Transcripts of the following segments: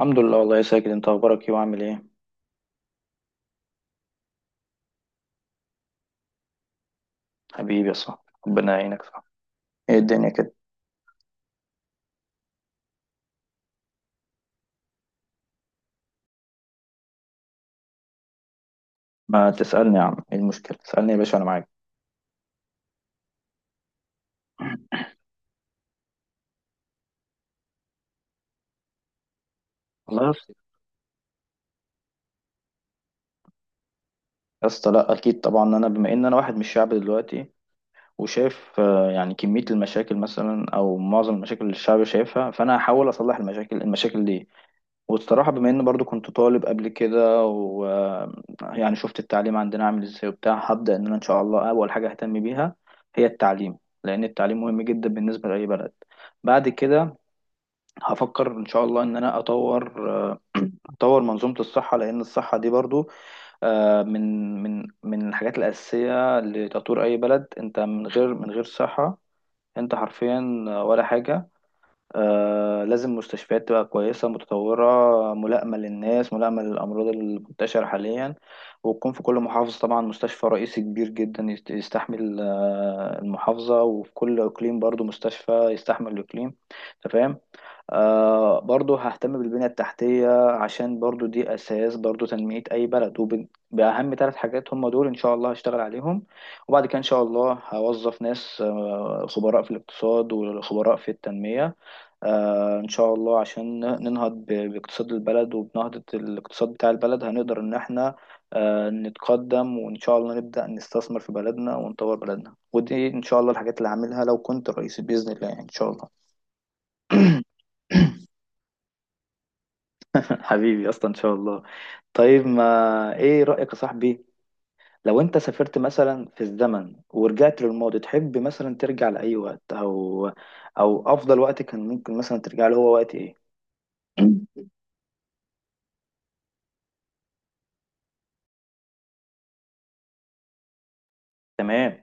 الحمد لله، والله يا ساجد. انت اخبارك ايه وعامل ايه؟ حبيبي يا صاحبي. ربنا يعينك، صح؟ ايه الدنيا كده؟ ما تسالني يا عم، ايه المشكله؟ اسالني يا باشا، انا معاك. والله يا اسطى. يا اسطى، لا اكيد طبعا. انا بما ان انا واحد من الشعب دلوقتي وشايف، يعني كميه المشاكل مثلا او معظم المشاكل اللي الشعب شايفها، فانا هحاول اصلح المشاكل دي. والصراحة بما إن برضو كنت طالب قبل كده ويعني شفت التعليم عندنا عامل إزاي وبتاع، هبدأ إن أنا إن شاء الله أول حاجة أهتم بيها هي التعليم. لأن التعليم مهم جدا بالنسبة لأي بلد. بعد كده هفكر إن شاء الله إن أنا أطور منظومة الصحة. لأن الصحة دي برضو، من الحاجات الأساسية لتطوير أي بلد. أنت من غير صحة، أنت حرفيا ولا حاجة. لازم مستشفيات تبقى كويسة متطورة، ملائمة للناس، ملائمة للأمراض المنتشرة حاليا. وتكون في كل محافظة طبعا مستشفى رئيسي كبير جدا يستحمل المحافظة، وفي كل إقليم برضو مستشفى يستحمل الإقليم. أنت فاهم؟ برضو ههتم بالبنية التحتية، عشان برضو دي أساس برضو تنمية أي بلد. وبأهم ثلاث حاجات هم دول إن شاء الله هشتغل عليهم. وبعد كده إن شاء الله هوظف ناس، خبراء في الاقتصاد وخبراء في التنمية، إن شاء الله، عشان ننهض باقتصاد البلد. وبنهضة الاقتصاد بتاع البلد هنقدر إن إحنا نتقدم. وإن شاء الله نبدأ نستثمر في بلدنا ونطور بلدنا. ودي إن شاء الله الحاجات اللي هعملها لو كنت رئيس بإذن الله، يعني إن شاء الله. حبيبي أصلا إن شاء الله. طيب، ما إيه رأيك يا صاحبي؟ لو أنت سافرت مثلا في الزمن ورجعت للماضي، تحب مثلا ترجع لأي وقت؟ أو أفضل وقت كان ممكن مثلا ترجع له، هو وقت إيه؟ تمام.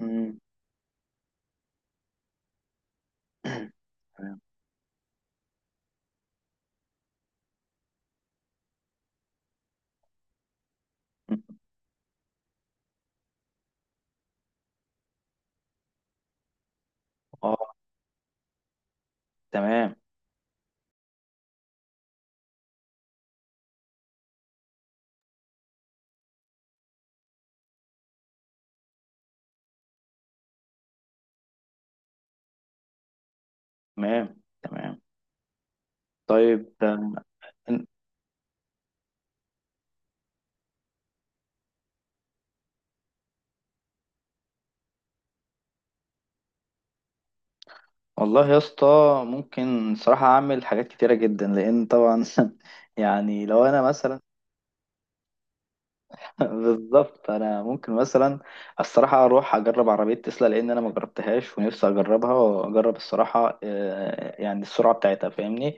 مم. تمام. اه. تمام تمام تمام. طيب إن- والله يا اسطى. ممكن صراحة أعمل حاجات كتيرة جدا، لأن طبعا يعني لو أنا مثلا بالظبط. انا ممكن مثلا الصراحه اروح اجرب عربيه تسلا، لان انا ما جربتهاش ونفسي اجربها، واجرب الصراحه يعني السرعه بتاعتها. فاهمني؟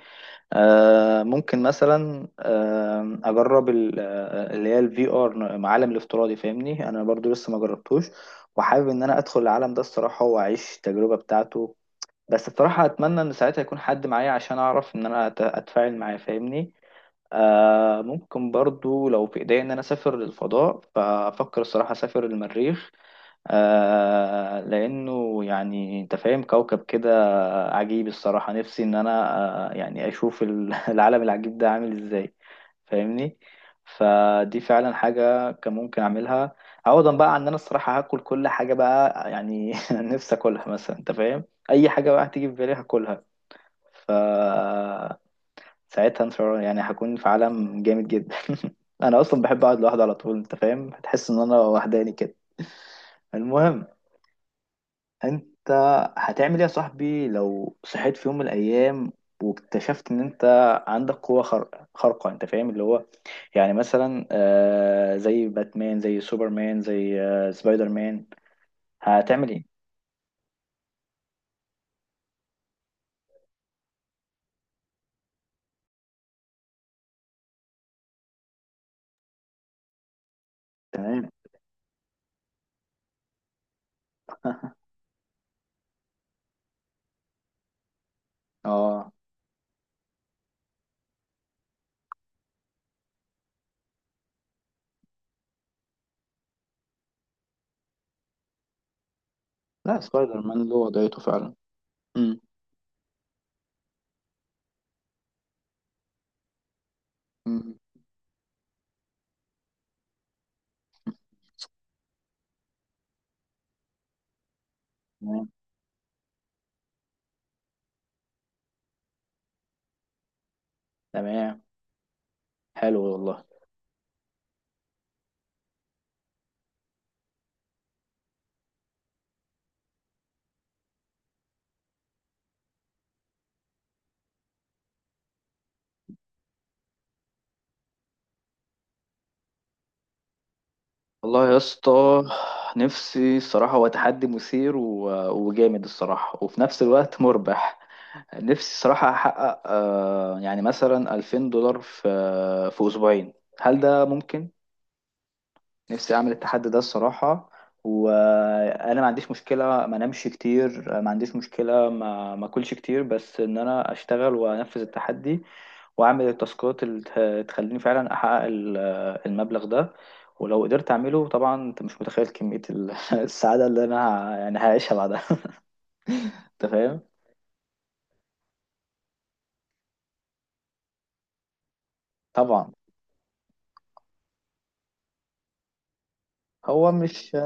ممكن مثلا اجرب اللي هي الفي ار، العالم الافتراضي. فاهمني؟ انا برضو لسه ما جربتوش، وحابب ان انا ادخل العالم ده الصراحه واعيش التجربه بتاعته. بس الصراحه اتمنى ان ساعتها يكون حد معايا، عشان اعرف ان انا اتفاعل معاه. فاهمني؟ ممكن برضو لو في إيديا إن أنا أسافر للفضاء، فأفكر الصراحة أسافر المريخ. لأنه يعني أنت فاهم كوكب كده عجيب الصراحة. نفسي إن أنا يعني أشوف العالم العجيب ده عامل إزاي. فاهمني؟ فدي فعلا حاجة كان ممكن أعملها، عوضا بقى عن إن أنا الصراحة هاكل كل حاجة بقى، يعني نفسي أكلها مثلا. أنت فاهم؟ أي حاجة بقى هتيجي في بالي هاكلها. ف ساعتها ان شاء الله، يعني هكون في عالم جامد جدا. انا اصلا بحب اقعد لوحدي على طول. انت فاهم؟ هتحس ان انا وحداني كده. المهم، انت هتعمل ايه يا صاحبي لو صحيت في يوم من الايام واكتشفت ان انت عندك قوة خارقة؟ انت فاهم اللي هو؟ يعني مثلا زي باتمان، زي سوبرمان، زي سبايدر مان. هتعمل ايه؟ تمام. اه. لا، سبايدر مان له وضعيته فعلا. امم. تمام تمام. حلو والله. والله يا اسطى، نفسي الصراحة هو تحدي مثير وجامد الصراحة، وفي نفس الوقت مربح. نفسي الصراحة أحقق يعني مثلا $2000 في أسبوعين. هل ده ممكن؟ نفسي اعمل التحدي ده الصراحه. وانا ما عنديش مشكله ما انامش كتير، ما عنديش مشكله ما اكلش كتير، بس ان انا اشتغل وانفذ التحدي واعمل التاسكات اللي تخليني فعلا احقق المبلغ ده. ولو قدرت اعمله طبعا، انت مش متخيل كميه السعاده اللي انا يعني هعيشها بعدها. انت فاهم؟ طبعا. هو مش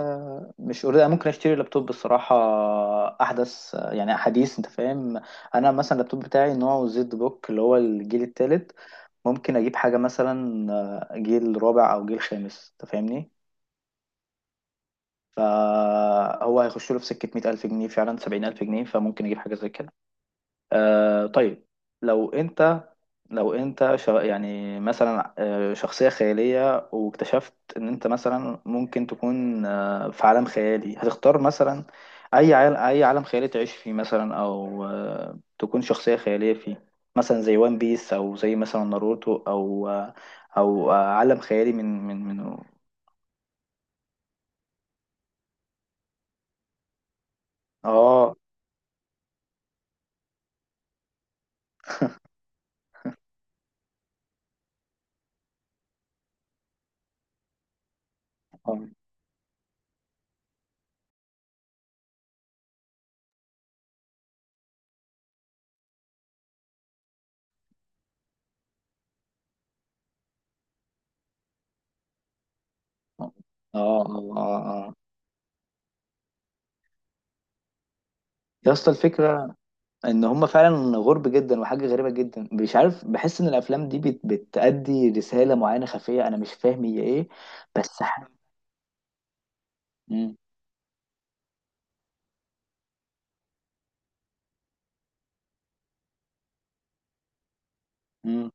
مش أريد. أنا ممكن اشتري لابتوب الصراحه احدث، يعني حديث. انت فاهم؟ انا مثلا اللابتوب بتاعي نوعه زد بوك اللي هو الجيل الثالث. ممكن اجيب حاجه مثلا جيل رابع او جيل خامس. انت فاهمني؟ فهو هيخش له في سكه 100,000 جنيه فعلا، 70,000 جنيه. فممكن اجيب حاجه زي كده. طيب، لو انت لو انت يعني مثلا شخصية خيالية، واكتشفت ان انت مثلا ممكن تكون في عالم خيالي. هتختار مثلا اي عالم خيالي تعيش فيه مثلا؟ او تكون شخصية خيالية فيه. مثلا زي وان بيس، او زي مثلا ناروتو، او آه، او آه، عالم خيالي. من من من اه، اه، اه، اه. آه. آه. يا اسطى، الفكرة ان هم فعلا غرب جدا، وحاجه غريبه جدا. مش عارف، بحس ان الافلام دي بتأدي رساله معينه خفيه، انا مش فاهم هي ايه. بس ح... مم. مم.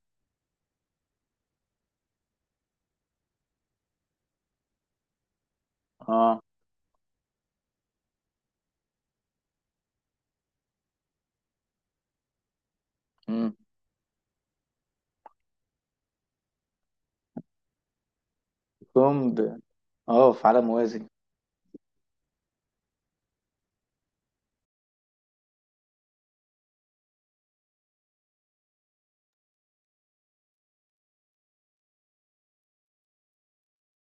اه. مم. كوم ب... اه، في عالم موازي.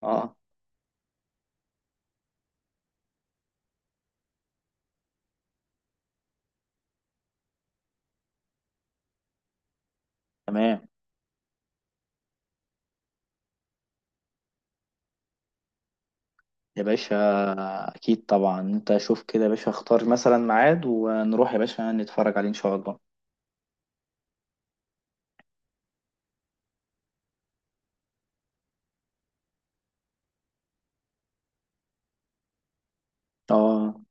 اه، تمام. يا باشا، اكيد طبعا. انت شوف كده يا باشا، اختار مثلا ميعاد ونروح يا باشا نتفرج عليه ان شاء الله. اه،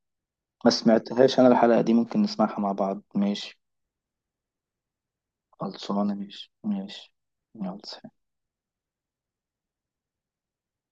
ما سمعتهاش انا الحلقه دي. ممكن نسمعها مع بعض. ماشي. خلصانه، ماشي ماشي. يلا سلام.